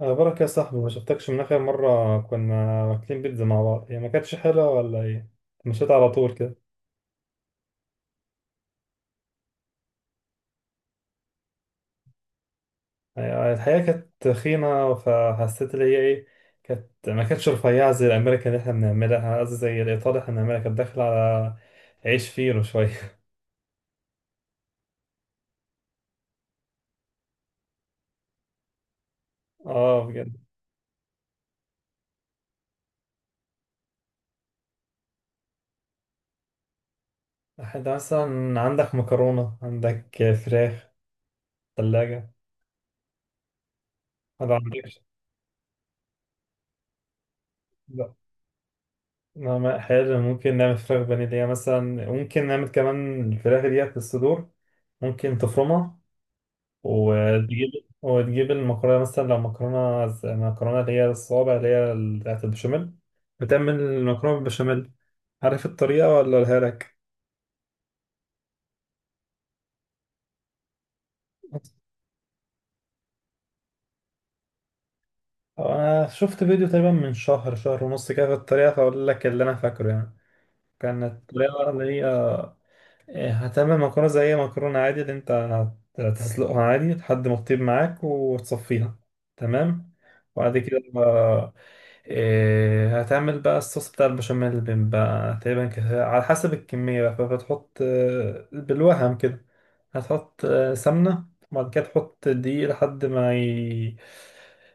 أخبارك يا صاحبي؟ ما شفتكش من آخر مرة كنا واكلين بيتزا مع بعض. هي ما كانتش حلوة ولا إيه؟ مشيت على طول كده. الحقيقة كانت تخينة، فحسيت اللي هي إيه، ما كانتش رفيعة زي الأمريكا اللي إحنا بنعملها، قصدي زي الإيطالي إحنا بنعملها، كانت داخلة على عيش فينو شوية. آه بجد. أحد مثلا، عندك مكرونة؟ عندك فراخ؟ ثلاجة ما عندكش؟ نعم، حلو، ممكن نعمل فراخ فانيليا مثلا، ممكن نعمل كمان الفراخ ديت الصدور، ممكن تفرمها وتجيب، وتجيب المكرونة. مثلا لو مكرونة مكرونة اللي هي الصوابع، اللي هي بتاعت البشاميل، بتعمل المكرونة بالبشاميل. عارف الطريقة ولا أقولها لك؟ أنا شفت فيديو تقريبا من شهر ونص كده في الطريقة، فأقول لك اللي أنا فاكره كانت الطريقة اللي هي هتعمل مكرونة زي مكرونة عادي، اللي انت هتسلقها عادي لحد ما تطيب معاك وتصفيها. تمام، وبعد كده بقى، هتعمل بقى الصوص بتاع البشاميل، اللي بيبقى تقريبا كده على حسب الكمية بقى. فبتحط بالوهم كده، هتحط سمنة، وبعد كده تحط دقيق لحد ما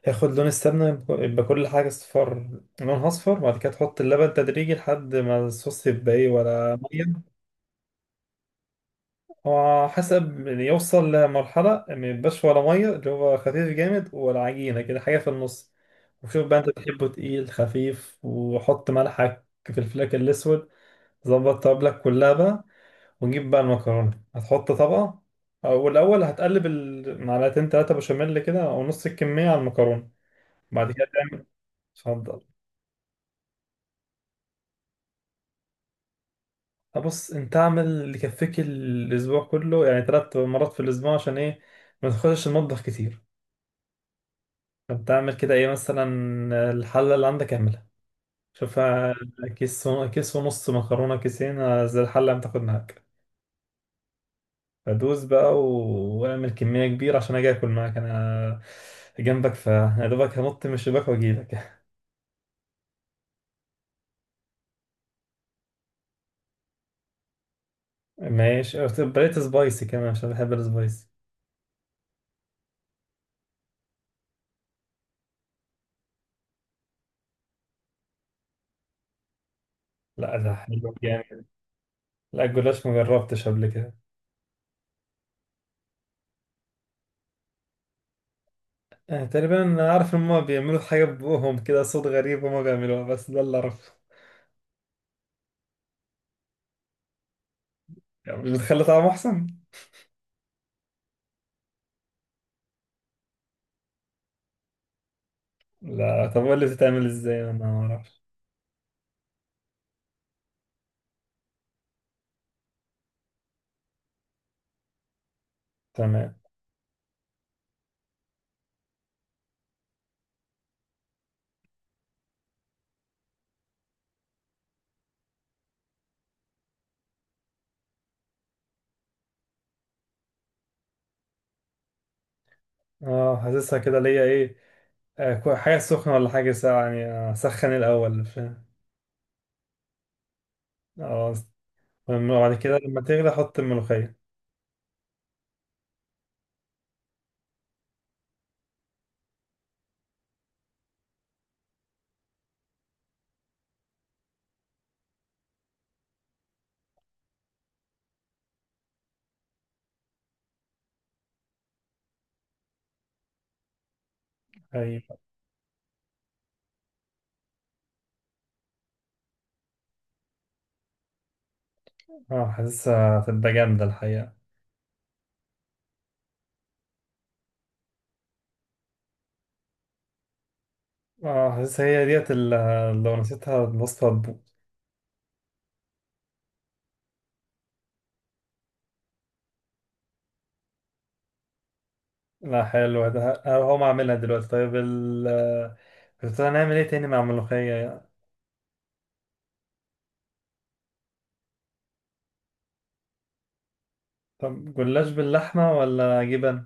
ياخد لون السمنة، يبقى كل حاجة أصفر، لونها أصفر، وبعد كده تحط اللبن تدريجي لحد ما الصوص يبقى إيه ولا مية. هو حسب يعني، يوصل لمرحلة ما يبقاش ولا مية، اللي هو خفيف جامد ولا عجينة، كده حاجة في النص. وشوف بقى انت بتحبه تقيل خفيف، وحط ملحك في الفلاك الأسود. ظبط طبلك كلها بقى، ونجيب بقى المكرونة. هتحط طبقة، والأول هتقلب المعلقتين تلاتة بشاميل كده أو نص الكمية على المكرونة، بعد كده تعمل. اتفضل. بص، انت اعمل اللي يكفيك الأسبوع كله، يعني تلات مرات في الأسبوع، عشان ايه؟ ما تخشش المطبخ كتير. طب تعمل كده ايه مثلا، الحلة اللي عندك اعملها، شوفها. كيس ونص مكرونة، كيسين زي الحلة اللي تاخد معاك. فدوس بقى واعمل كمية كبيرة عشان اجي اكل معاك انا جنبك، فيا دوبك هنط من الشباك واجيلك. ماشي. بقيت سبايسي كمان عشان بحب السبايسي. لا ده حلو جامد. لا، الجلاش مجربتش قبل كده. تقريبا عارف ان هما بيعملوا حاجة ببوقهم كده، صوت غريب هما بيعملوها، بس ده اللي اعرفه. يعني مش بتخلي طعمه احسن. لا، طب قول لي بتتعمل ازاي، انا ما اعرفش. تمام. اه، حاسسها كده ليا ايه، حاجه سخنه ولا حاجه ساقعه، يعني اسخن الاول، فاهم؟ اه. فاهم؟ وبعد كده لما تغلي احط الملوخيه. ايوه. اه، حاسسها هتبقى جامده الحقيقه. اه، حاسسها هي ديت اللي، لو نسيتها الوصفه هتبوظ. لا حلو ده، هقوم اعملها دلوقتي. طيب كنت هنعمل ايه تاني مع الملوخيه؟ طب جلاش باللحمه ولا جبن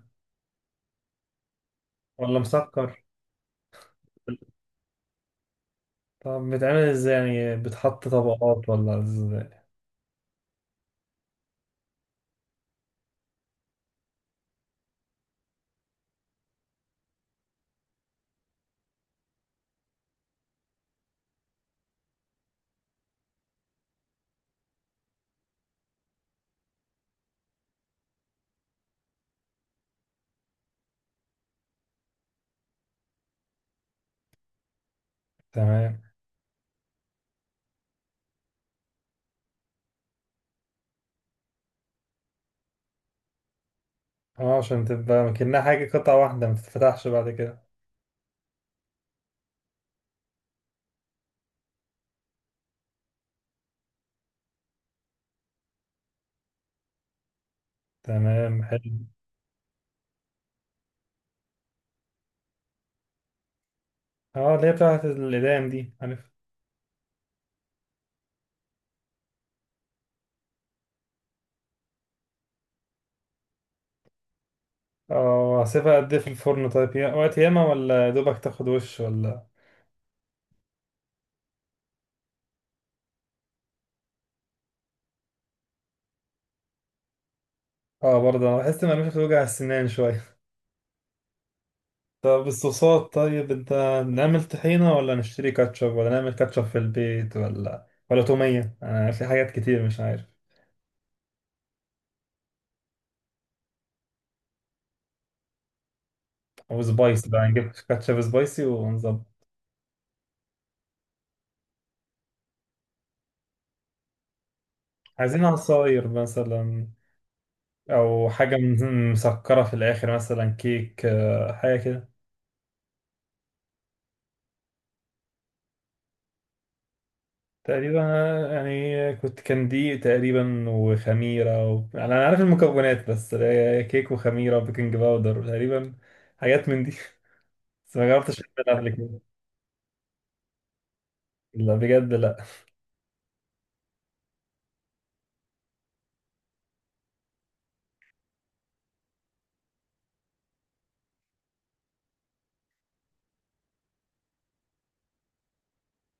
ولا مسكر؟ طب بتعمل ازاي، يعني بتحط طبقات ولا ازاي؟ تمام. اه، عشان تبقى كأنها حاجة قطعة واحدة ما تتفتحش بعد كده. تمام، حلو. اه، اللي هي بتاعت الإيدام دي، عارف. اه، هسيبها قد ايه في الفرن طيب، وقت ياما ولا دوبك تاخد وش ولا؟ اه برضه انا بحس ان مش بتوجع السنان شوية. طب الصوصات طيب انت، نعمل طحينة ولا نشتري كاتشب، ولا نعمل كاتشب في البيت، ولا تومية؟ انا في حاجات كتير مش عارف. او سبايسي بقى، نجيب كاتشب سبايسي ونظبط. عايزين عصاير مثلا، او حاجه مسكره في الاخر، مثلا كيك، حاجه كده. تقريبا أنا يعني كنت كان دي تقريبا، يعني انا عارف المكونات، بس كيك وخميره وبيكنج باودر تقريبا، حاجات من دي. بس ما جربتش اعملها قبل كده. لا بجد لا.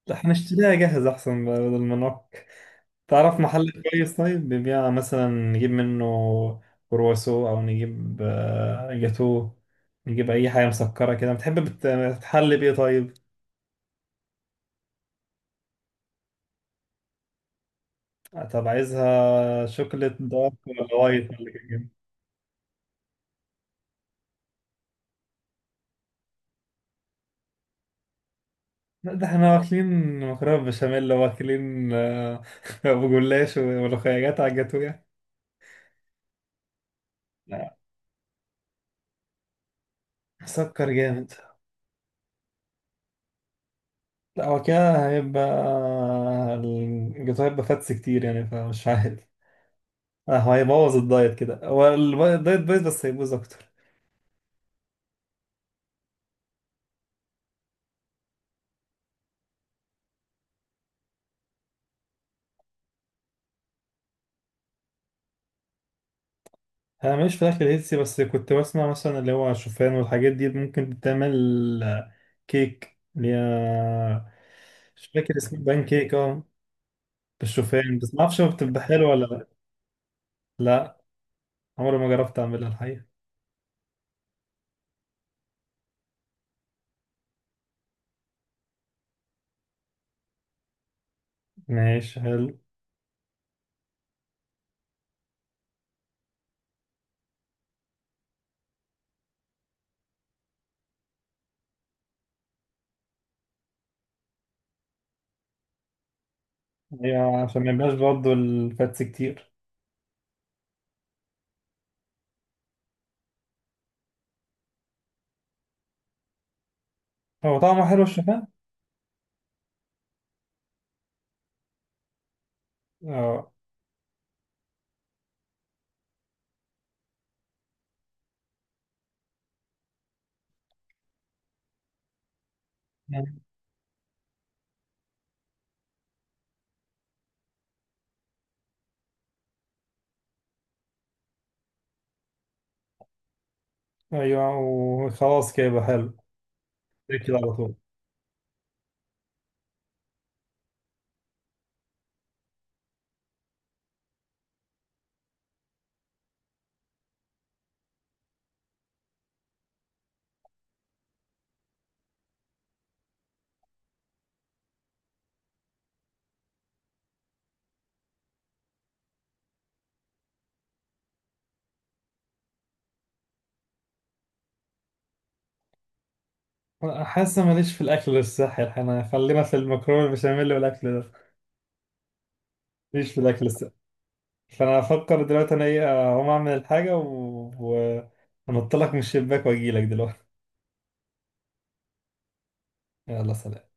لا، احنا نشتريها جاهزه احسن بدل ما نعك. تعرف محل كويس طيب بيبيع مثلا نجيب منه كرواسو، او نجيب جاتو، نجيب اي حاجه مسكره كده. بتحب بتحلي بايه طيب؟ طب عايزها شوكليت دارك ولا وايت ولا كده؟ لا ده احنا واكلين مكرونه بشاميل، واكلين ابو جلاش وملوخيات، على الجاتو يعني؟ لا، مسكر جامد. لا هو كده هيبقى الجاتو هيبقى فاتس كتير يعني، فمش عارف. اه هو هيبوظ الدايت كده، هو الدايت بايظ بس هيبوظ اكتر. انا ماليش في الاكل الهيلثي، بس كنت بسمع مثلا اللي هو الشوفان والحاجات دي ممكن تتعمل كيك اللي هي، مش فاكر اسمه، بان كيك اه، بالشوفان، بس ما اعرفش هو بتبقى حلوه ولا لا. لا، عمري ما جربت اعملها الحقيقه. ماشي حلو. ايوه، عشان ما يبقاش برضه الفاتس كتير. هو طعمه حلو الشوفان. اه. ايوه وخلاص كده يبقى حلو. كده على طول. حاسة ماليش في الأكل الصحي الحين، أنا خلينا في المكرونة البشاميل والأكل ده. ماليش في الأكل الصحي. فأنا أفكر دلوقتي أنا إيه، أقوم أعمل الحاجة و... أنط لك من الشباك وأجيلك دلوقتي. يلا سلام.